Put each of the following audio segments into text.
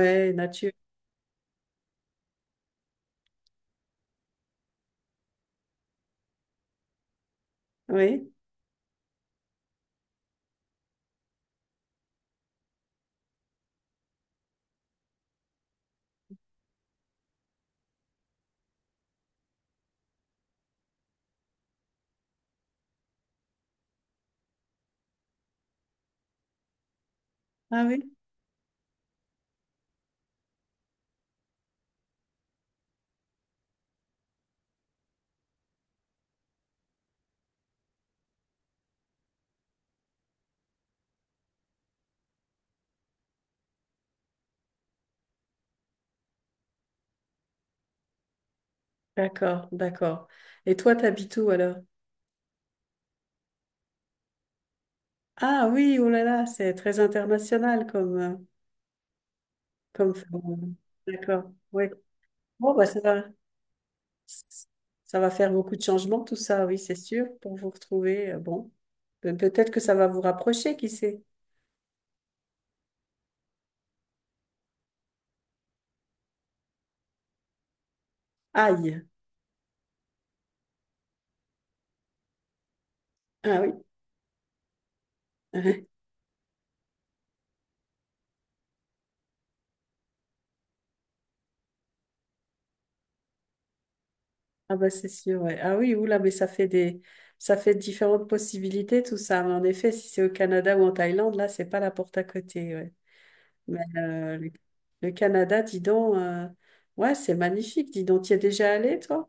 Ouais, nature. Oui. Ah oui. D'accord, d'accord. Et toi, t'habites où alors? Ah oui, oh là là, c'est très international comme comme phénomène. D'accord. Oui. Bon bah ça va faire beaucoup de changements tout ça, oui, c'est sûr, pour vous retrouver. Bon, peut-être que ça va vous rapprocher, qui sait? Aïe. Ah oui. Ah bah c'est sûr, ouais. Ah oui, oula, mais ça fait des ça fait différentes possibilités tout ça. Mais en effet, si c'est au Canada ou en Thaïlande, là, c'est pas la porte à côté, ouais. Mais le Canada, dis donc, ouais, c'est magnifique, dis donc. Tu es déjà allé, toi?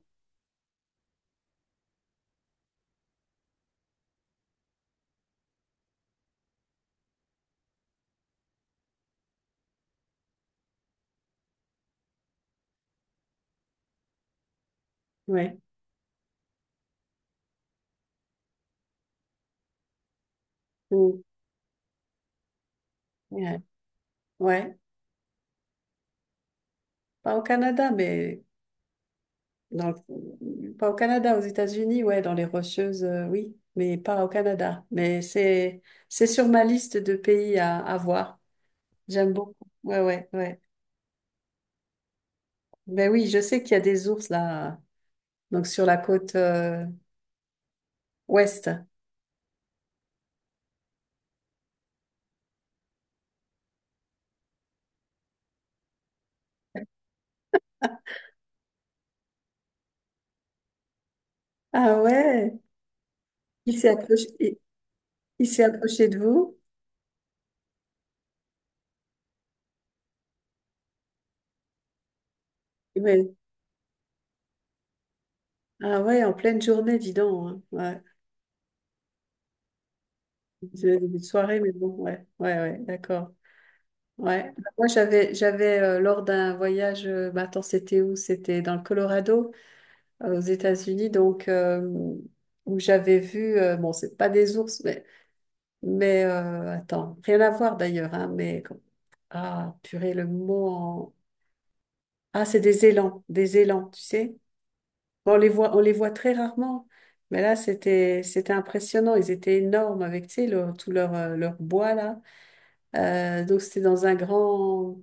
Ouais. Mm. Ouais. Ouais. Pas au Canada, mais pas au Canada, aux États-Unis, ouais, dans les Rocheuses, oui, mais pas au Canada. Mais c'est sur ma liste de pays à voir. J'aime beaucoup. Ouais, ouais, ouais. Ben oui, je sais qu'il y a des ours là, donc sur la côte ouest. Ah ouais, il s'est approché, il, il s'est approché de vous. Ouais. Ah ouais, en pleine journée, dis donc, hein. Ouais. C'est une soirée, mais bon, ouais, ouais, ouais, d'accord. Ouais. Bah, moi, j'avais lors d'un voyage, attends, c'était où? C'était dans le Colorado, aux États-Unis, où j'avais vu, bon, c'est pas des ours, mais, attends, rien à voir d'ailleurs, hein, mais ah, purée, le mot en... Ah, c'est des élans, tu sais? Bon, on les voit très rarement, mais là, c'était impressionnant. Ils étaient énormes avec, tu sais, tout leur, leur bois, là. Donc, c'était dans un grand,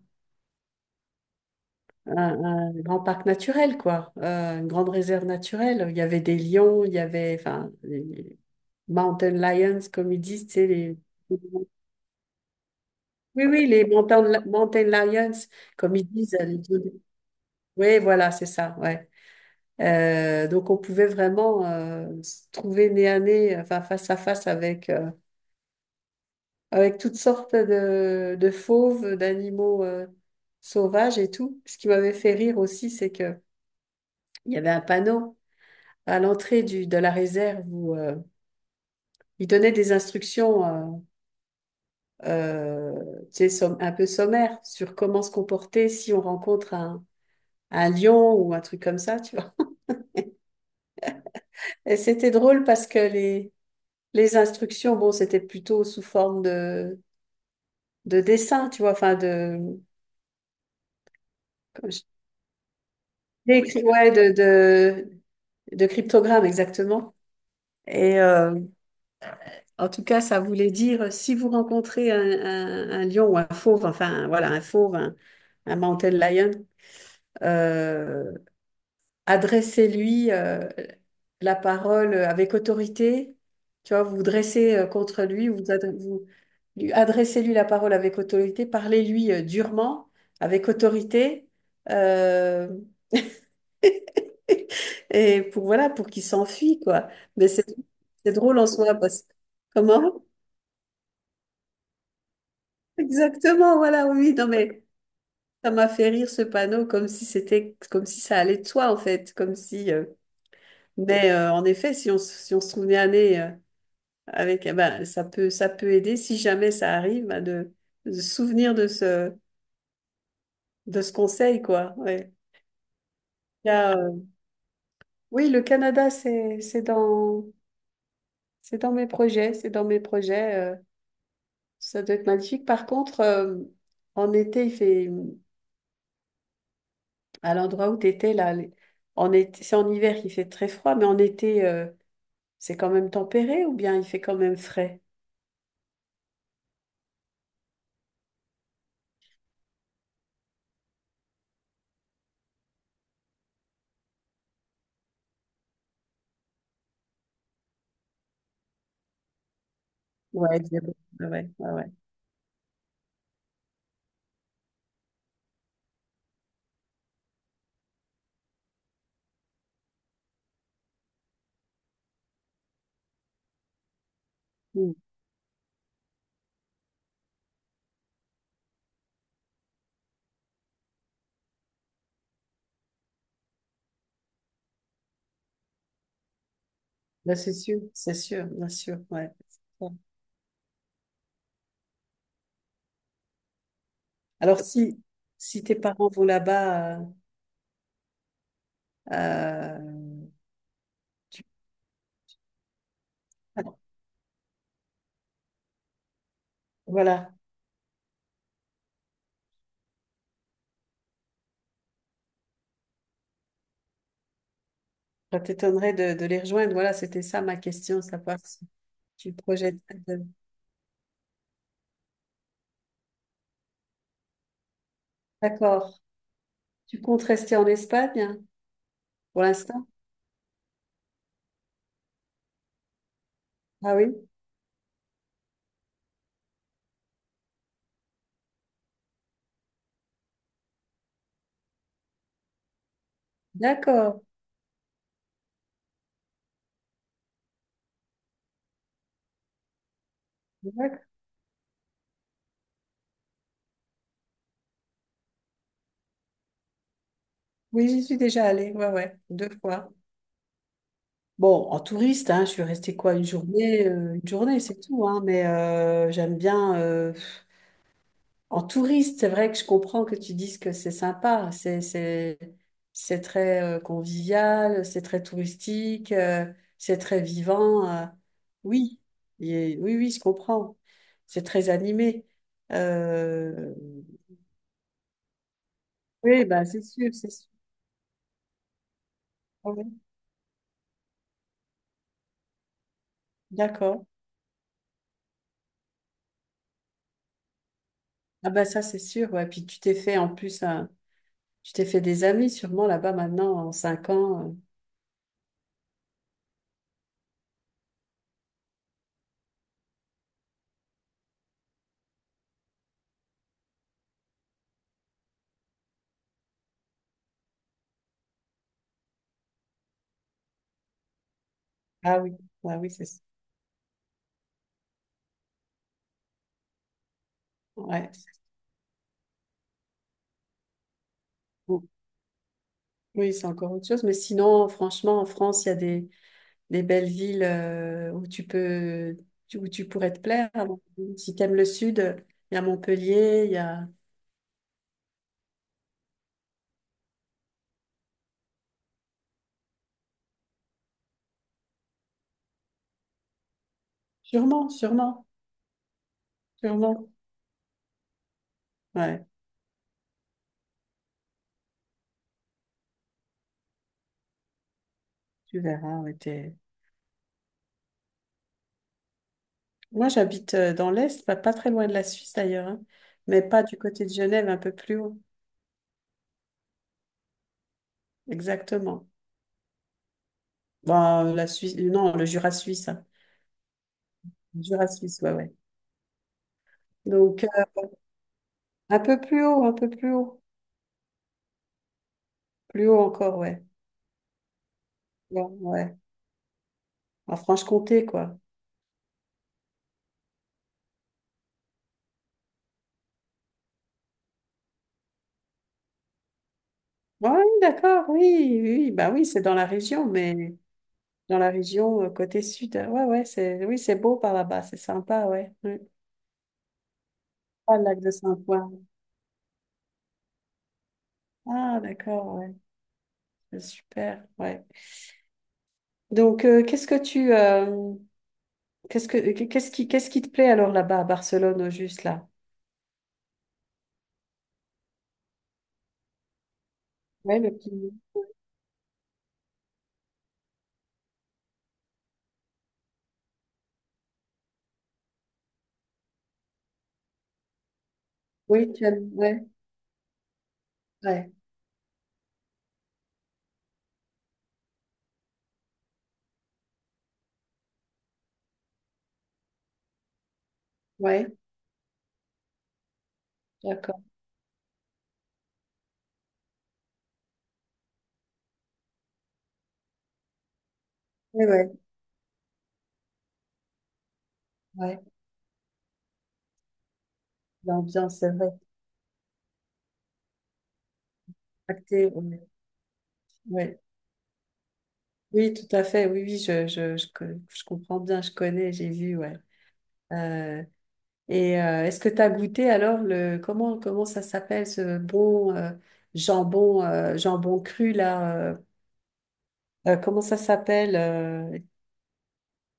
un, un grand parc naturel, quoi. Une grande réserve naturelle. Il y avait des lions, il y avait, enfin, les mountain lions, comme ils disent, tu sais, les... Oui, oui, les mountain lions, comme ils disent. Oui, voilà, c'est ça, ouais. Donc, on pouvait vraiment se trouver nez à nez, enfin, face à face avec... avec toutes sortes de fauves, d'animaux sauvages et tout. Ce qui m'avait fait rire aussi, c'est que il y avait un panneau à l'entrée de la réserve où il donnait des instructions euh, euh, tu sais, un peu sommaires sur comment se comporter si on rencontre un lion ou un truc comme ça, tu vois. Et c'était drôle parce que les instructions, bon, c'était plutôt sous forme de dessin, tu vois, enfin de... Ouais, de cryptogramme, exactement. Et en tout cas, ça voulait dire, si vous rencontrez un lion ou un fauve, enfin voilà, un fauve, un mountain lion, euh, adressez-lui la parole avec autorité. Tu vois, vous vous dressez contre lui, vous, adre- vous lui- adressez-lui la parole avec autorité, parlez-lui durement, avec autorité. euh, Et pour, voilà, pour qu'il s'enfuit, quoi. Mais c'est drôle en soi, parce que... Comment? Exactement, voilà, oui, oui, non, mais ça m'a fait rire ce panneau, comme si ça allait de soi, en fait, comme si... Mais en effet, si on se souvenait aller avec... eh ben, ça peut aider, si jamais ça arrive, ben, de se souvenir de ce conseil, quoi. Ouais. Il y a, oui, le Canada, c'est dans mes projets, c'est dans mes projets. Ça doit être magnifique. Par contre, en été, il fait, à l'endroit où tu étais, là, en été, c'est en hiver qu'il fait très froid, mais en été, c'est quand même tempéré ou bien il fait quand même frais? Ouais, c'est bon. Ah ouais, ouais, ouais. Mm. Là, c'est sûr, bien sûr, ouais. Ouais. Alors, si, si tes parents vont là-bas, euh, tu- voilà, ça t'étonnerait de les rejoindre. Voilà, c'était ça ma question, savoir si tu projettes. D'accord. Tu comptes rester en Espagne? Pour l'instant? Ah oui? D'accord. D'accord. Oui, j'y suis déjà allée. Ouais, ouais, deux fois. Bon, en touriste, hein, je suis restée quoi, une journée, c'est tout, hein, mais j'aime bien. En touriste, c'est vrai que je comprends que tu dises que c'est sympa, c'est très convivial, c'est très touristique, c'est très vivant. Oui, oui, oui, je comprends. C'est très animé. Euh, oui, bah, c'est sûr, c'est sûr. Ah ouais. D'accord. Ah bah ça c'est sûr, ouais. Puis tu t'es fait en plus un- Tu t'es fait des amis sûrement là-bas maintenant en cinq ans, euh. Ah oui, ah oui, c'est ça, ouais. Bon. Oui, c'est encore autre chose. Mais sinon, franchement, en France, il y a des belles villes où tu peux où tu pourrais te plaire. Alors, si t'aimes le sud, il y a Montpellier, il y a sûrement, sûrement, sûrement. Ouais, tu verras, ouais, moi j'habite dans l'Est, pas très loin de la Suisse d'ailleurs, hein, mais pas du côté de Genève, un peu plus haut. Exactement. Bon, la Suisse, non, le Jura suisse, hein. Le Jura suisse, ouais, ouais. Donc, un peu plus haut, un peu plus haut. Plus haut encore, ouais. Ouais, ouais. En Franche-Comté, quoi. Ouais, d'accord, oui, oui. Oui. Bah oui, c'est dans la région, mais dans la région côté sud, hein. Ouais, ouais, c'est, oui, c'est beau par là-bas, c'est sympa, ouais. Mm. Ah, le lac de Saint-Ouen. Ah, d'accord, ouais. C'est super, ouais. Donc, qu'est-ce que tu, qu'est-ce que, qu'est-ce qui te plaît alors là-bas à Barcelone, au juste là? Ouais, le petit. Oui, tu aimes. Ouais, ouais, ouais, d'accord. Oui, ouais, ouais. L'ambiance, c'est vrai. Acté, ouais. Ouais. Oui, tout à fait. Oui, oui, je comprends bien, je connais, j'ai vu, ouais. Euh, est-ce que tu as goûté alors le comment ça s'appelle ce bon jambon cru là comment ça s'appelle,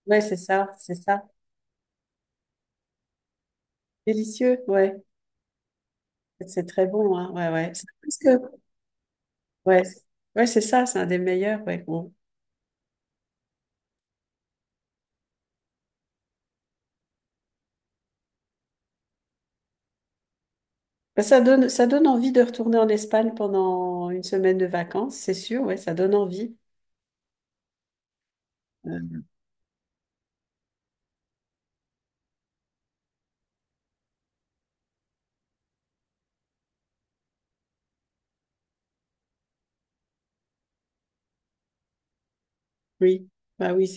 ouais c'est ça délicieux ouais c'est très bon hein ouais ouais c'est plus ouais ouais c'est ça c'est un des meilleurs ouais bon. Ben, ça donne, ça donne envie de retourner en Espagne pendant une semaine de vacances, c'est sûr, ouais, ça donne envie. Euh, oui, bah oui, c'est